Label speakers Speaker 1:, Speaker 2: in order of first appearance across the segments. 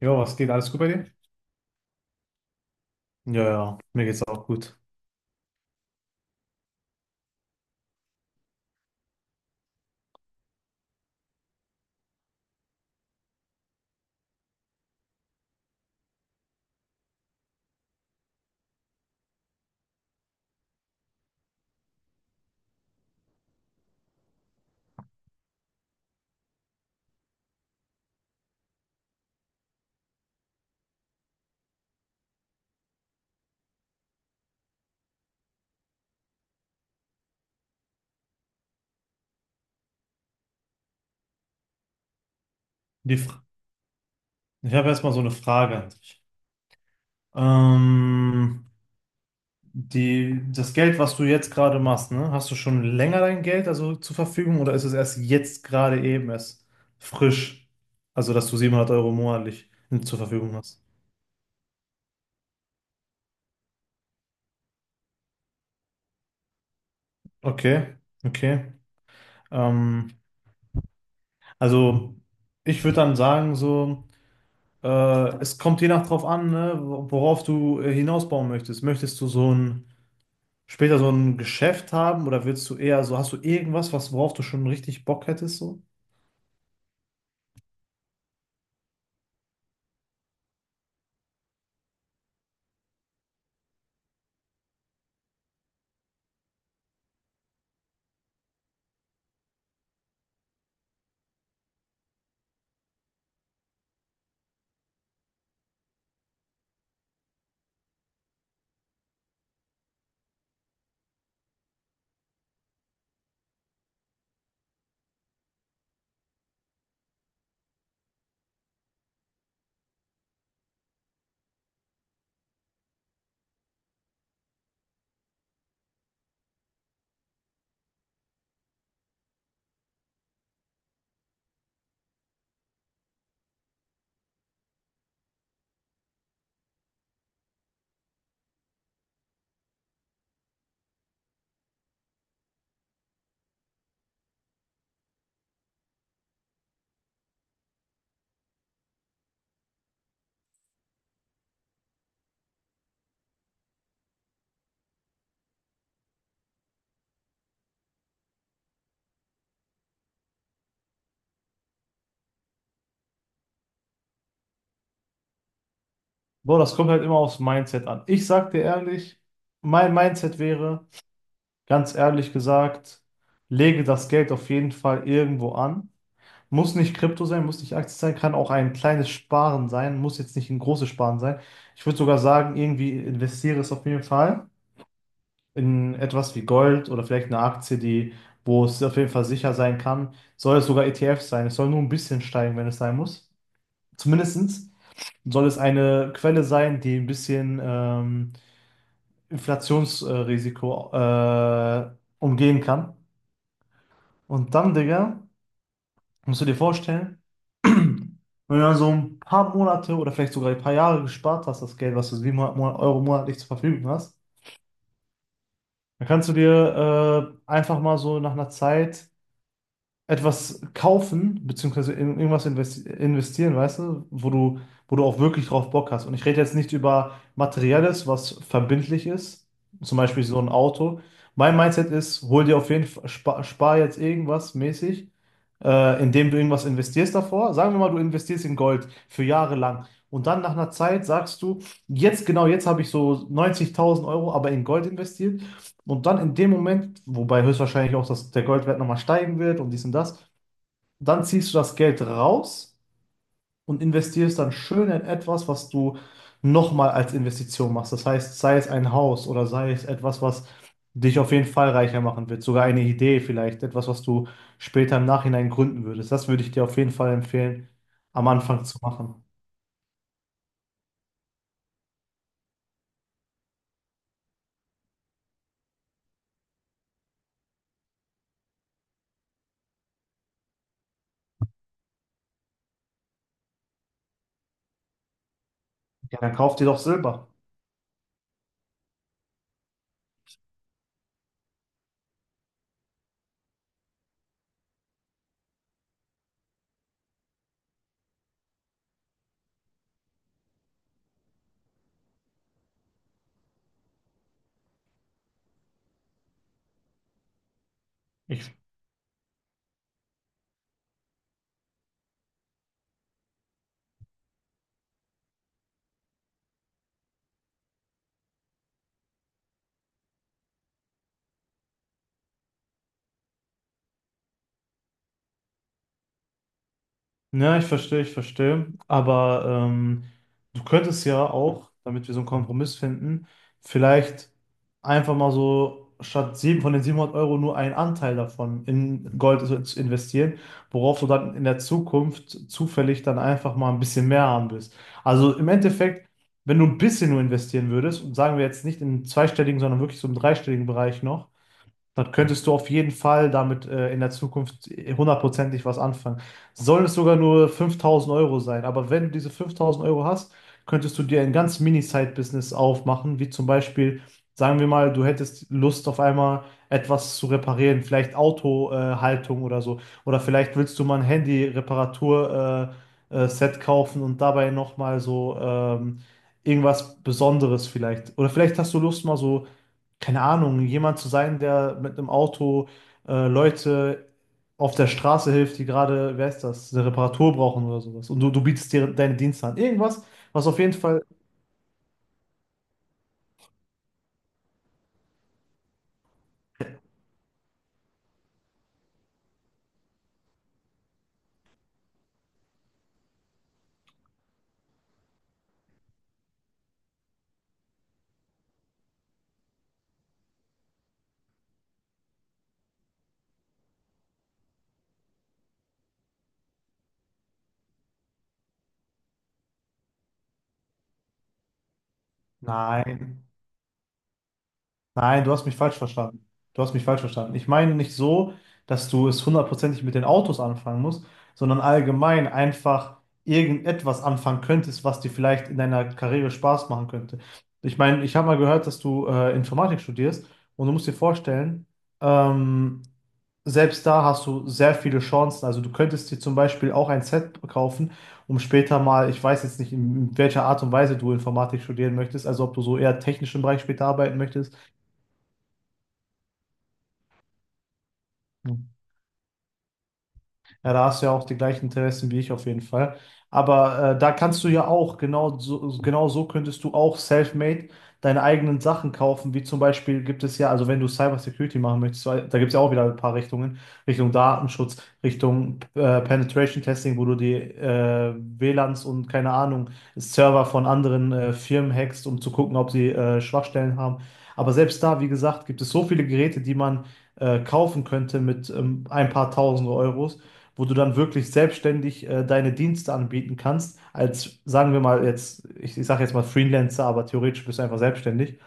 Speaker 1: Jo, was geht? Alles gut bei dir? Ja, mir geht's auch gut. Die Fra Ich habe erstmal so eine Frage an dich. Ähm, die, das Geld, was du jetzt gerade machst, ne, hast du schon länger dein Geld also zur Verfügung oder ist es erst jetzt gerade eben erst frisch? Also, dass du 700 Euro monatlich zur Verfügung hast. Okay, okay. Ähm, also, ich würde dann sagen, so, äh, es kommt je nach drauf an, ne, worauf du hinausbauen möchtest. Möchtest du so ein später so ein Geschäft haben oder willst du eher so, hast du irgendwas, was, worauf du schon richtig Bock hättest so? Boah, das kommt halt immer aufs Mindset an. Ich sag dir ehrlich, mein Mindset wäre, ganz ehrlich gesagt, lege das Geld auf jeden Fall irgendwo an. Muss nicht Krypto sein, muss nicht Aktie sein, kann auch ein kleines Sparen sein, muss jetzt nicht ein großes Sparen sein. Ich würde sogar sagen, irgendwie investiere es auf jeden Fall in etwas wie Gold oder vielleicht eine Aktie, die, wo es auf jeden Fall sicher sein kann. Soll es sogar ETF sein? Es soll nur ein bisschen steigen, wenn es sein muss. Zumindestens soll es eine Quelle sein, die ein bisschen Inflationsrisiko umgehen kann. Und dann, Digga, musst du dir vorstellen, wenn du dann so ein paar Monate oder vielleicht sogar ein paar Jahre gespart hast, das Geld, was du 700 Euro monatlich zur Verfügung hast, dann kannst du dir einfach mal so nach einer Zeit etwas kaufen, beziehungsweise in irgendwas investieren, weißt du, wo du, wo du auch wirklich drauf Bock hast. Und ich rede jetzt nicht über Materielles, was verbindlich ist, zum Beispiel so ein Auto. Mein Mindset ist, hol dir auf jeden Fall, spar jetzt irgendwas mäßig, indem du irgendwas investierst davor. Sagen wir mal, du investierst in Gold für Jahre lang. Und dann nach einer Zeit sagst du, jetzt genau, jetzt habe ich so 90.000 Euro, aber in Gold investiert. Und dann in dem Moment, wobei höchstwahrscheinlich auch das, der Goldwert nochmal steigen wird und dies und das, dann ziehst du das Geld raus und investierst dann schön in etwas, was du nochmal als Investition machst. Das heißt, sei es ein Haus oder sei es etwas, was dich auf jeden Fall reicher machen wird, sogar eine Idee vielleicht, etwas, was du später im Nachhinein gründen würdest. Das würde ich dir auf jeden Fall empfehlen, am Anfang zu machen. Ja, dann kauf dir doch Silber. Ich Ja, ich verstehe. Aber du könntest ja auch, damit wir so einen Kompromiss finden, vielleicht einfach mal so statt sieben von den 700 Euro nur einen Anteil davon in Gold zu investieren, worauf du dann in der Zukunft zufällig dann einfach mal ein bisschen mehr haben wirst. Also im Endeffekt, wenn du ein bisschen nur investieren würdest, und sagen wir jetzt nicht in einen zweistelligen, sondern wirklich so im dreistelligen Bereich noch, dann könntest du auf jeden Fall damit in der Zukunft hundertprozentig was anfangen. Sollen es sogar nur 5000 Euro sein, aber wenn du diese 5000 Euro hast, könntest du dir ein ganz Mini-Side-Business aufmachen, wie zum Beispiel, sagen wir mal, du hättest Lust auf einmal etwas zu reparieren, vielleicht Autohaltung oder so. Oder vielleicht willst du mal ein Handy-Reparatur-Set Set kaufen und dabei nochmal so irgendwas Besonderes vielleicht. Oder vielleicht hast du Lust mal so, keine Ahnung, jemand zu sein, der mit einem Auto Leute auf der Straße hilft, die gerade, wer ist das, eine Reparatur brauchen oder sowas. Und du bietest dir deine Dienste an. Irgendwas, was auf jeden Fall. Nein. Nein, du hast mich falsch verstanden. Du hast mich falsch verstanden. Ich meine nicht so, dass du es hundertprozentig mit den Autos anfangen musst, sondern allgemein einfach irgendetwas anfangen könntest, was dir vielleicht in deiner Karriere Spaß machen könnte. Ich meine, ich habe mal gehört, dass du Informatik studierst und du musst dir vorstellen, ähm, selbst da hast du sehr viele Chancen. Also du könntest dir zum Beispiel auch ein Set kaufen, um später mal, ich weiß jetzt nicht, in welcher Art und Weise du Informatik studieren möchtest, also ob du so eher technischen Bereich später arbeiten möchtest. Ja. Ja, da hast du ja auch die gleichen Interessen wie ich auf jeden Fall. Aber da kannst du ja auch, genau so, genau so könntest du auch self-made deine eigenen Sachen kaufen, wie zum Beispiel gibt es ja, also wenn du Cybersecurity machen möchtest, weil da gibt es ja auch wieder ein paar Richtungen, Richtung Datenschutz, Richtung Penetration Testing, wo du die WLANs und keine Ahnung, Server von anderen Firmen hackst, um zu gucken, ob sie Schwachstellen haben. Aber selbst da, wie gesagt, gibt es so viele Geräte, die man kaufen könnte mit ein paar tausend Euros, wo du dann wirklich selbstständig deine Dienste anbieten kannst, als, sagen wir mal jetzt, ich sage jetzt mal Freelancer, aber theoretisch bist du einfach selbstständig,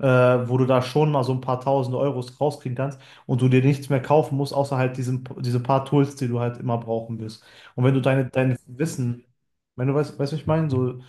Speaker 1: wo du da schon mal so ein paar tausend Euros rauskriegen kannst und du dir nichts mehr kaufen musst, außer halt diesen, diese paar Tools, die du halt immer brauchen wirst. Und wenn du dein Wissen, wenn du weißt, was ich meine, so.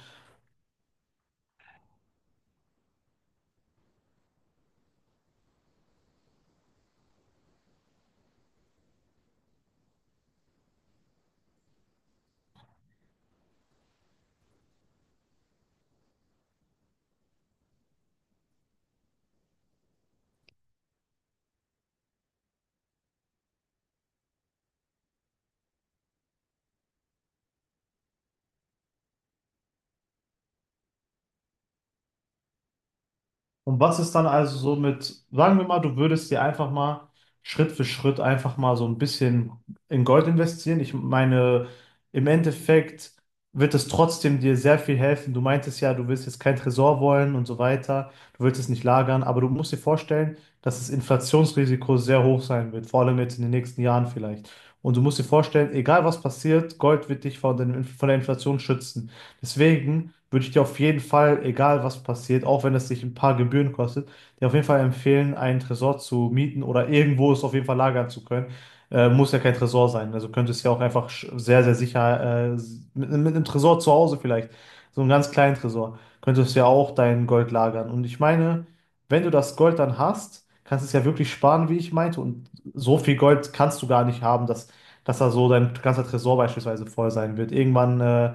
Speaker 1: Und was ist dann also so mit, sagen wir mal, du würdest dir einfach mal Schritt für Schritt einfach mal so ein bisschen in Gold investieren. Ich meine, im Endeffekt wird es trotzdem dir sehr viel helfen. Du meintest ja, du willst jetzt kein Tresor wollen und so weiter. Du willst es nicht lagern, aber du musst dir vorstellen, dass das Inflationsrisiko sehr hoch sein wird, vor allem jetzt in den nächsten Jahren vielleicht. Und du musst dir vorstellen, egal was passiert, Gold wird dich von den, von der Inflation schützen. Deswegen würde ich dir auf jeden Fall, egal was passiert, auch wenn es dich ein paar Gebühren kostet, dir auf jeden Fall empfehlen, einen Tresor zu mieten oder irgendwo es auf jeden Fall lagern zu können. Muss ja kein Tresor sein. Also könntest ja auch einfach sehr, sehr sicher mit einem Tresor zu Hause vielleicht, so einem ganz kleinen Tresor, könntest ja auch dein Gold lagern. Und ich meine, wenn du das Gold dann hast, kannst du es ja wirklich sparen, wie ich meinte. Und so viel Gold kannst du gar nicht haben, dass, dass da so dein ganzer Tresor beispielsweise voll sein wird. Irgendwann.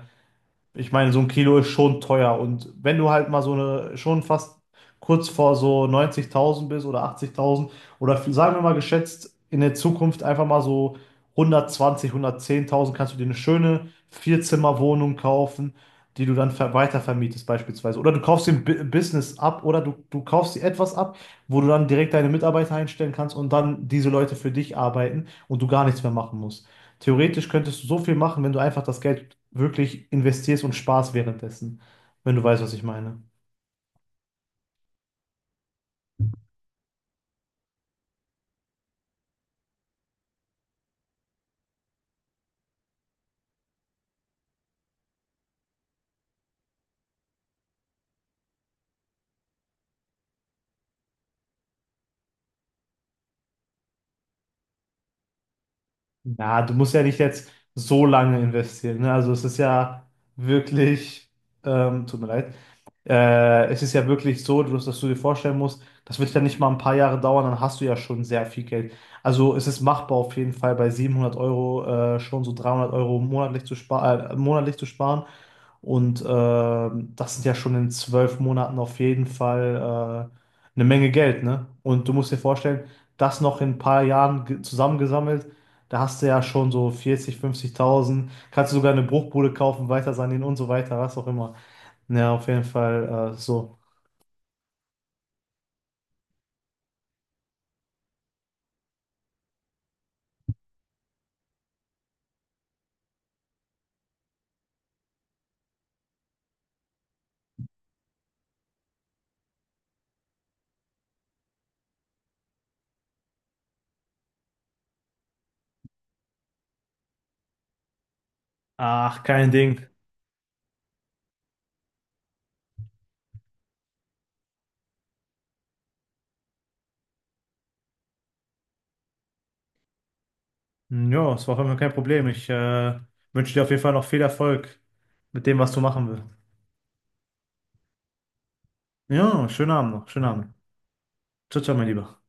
Speaker 1: Ich meine, so ein Kilo ist schon teuer. Und wenn du halt mal so eine, schon fast kurz vor so 90.000 bist oder 80.000 oder sagen wir mal geschätzt in der Zukunft einfach mal so 120, 110.000, kannst du dir eine schöne Vierzimmerwohnung kaufen, die du dann ver weitervermietest beispielsweise. Oder du kaufst dir ein Business ab oder du kaufst dir etwas ab, wo du dann direkt deine Mitarbeiter einstellen kannst und dann diese Leute für dich arbeiten und du gar nichts mehr machen musst. Theoretisch könntest du so viel machen, wenn du einfach das Geld wirklich investierst und sparst währenddessen, wenn du weißt, was ich meine. Ja, du musst ja nicht jetzt so lange investieren, ne? Also es ist ja wirklich, tut mir leid, es ist ja wirklich so, dass, dass du dir vorstellen musst, das wird ja nicht mal ein paar Jahre dauern, dann hast du ja schon sehr viel Geld. Also es ist machbar auf jeden Fall bei 700 Euro schon so 300 Euro monatlich zu sparen, Und das sind ja schon in 12 Monaten auf jeden Fall eine Menge Geld, ne? Und du musst dir vorstellen, das noch in ein paar Jahren zusammengesammelt, da hast du ja schon so 40, 50.000, kannst du sogar eine Bruchbude kaufen, weiter sanieren und so weiter, was auch immer. Ja, auf jeden Fall so. Ach, kein Ding. Ja, es war auf jeden Fall kein Problem. Ich wünsche dir auf jeden Fall noch viel Erfolg mit dem, was du machen willst. Ja, schönen Abend noch, schönen Abend. Ciao, ciao, mein Lieber.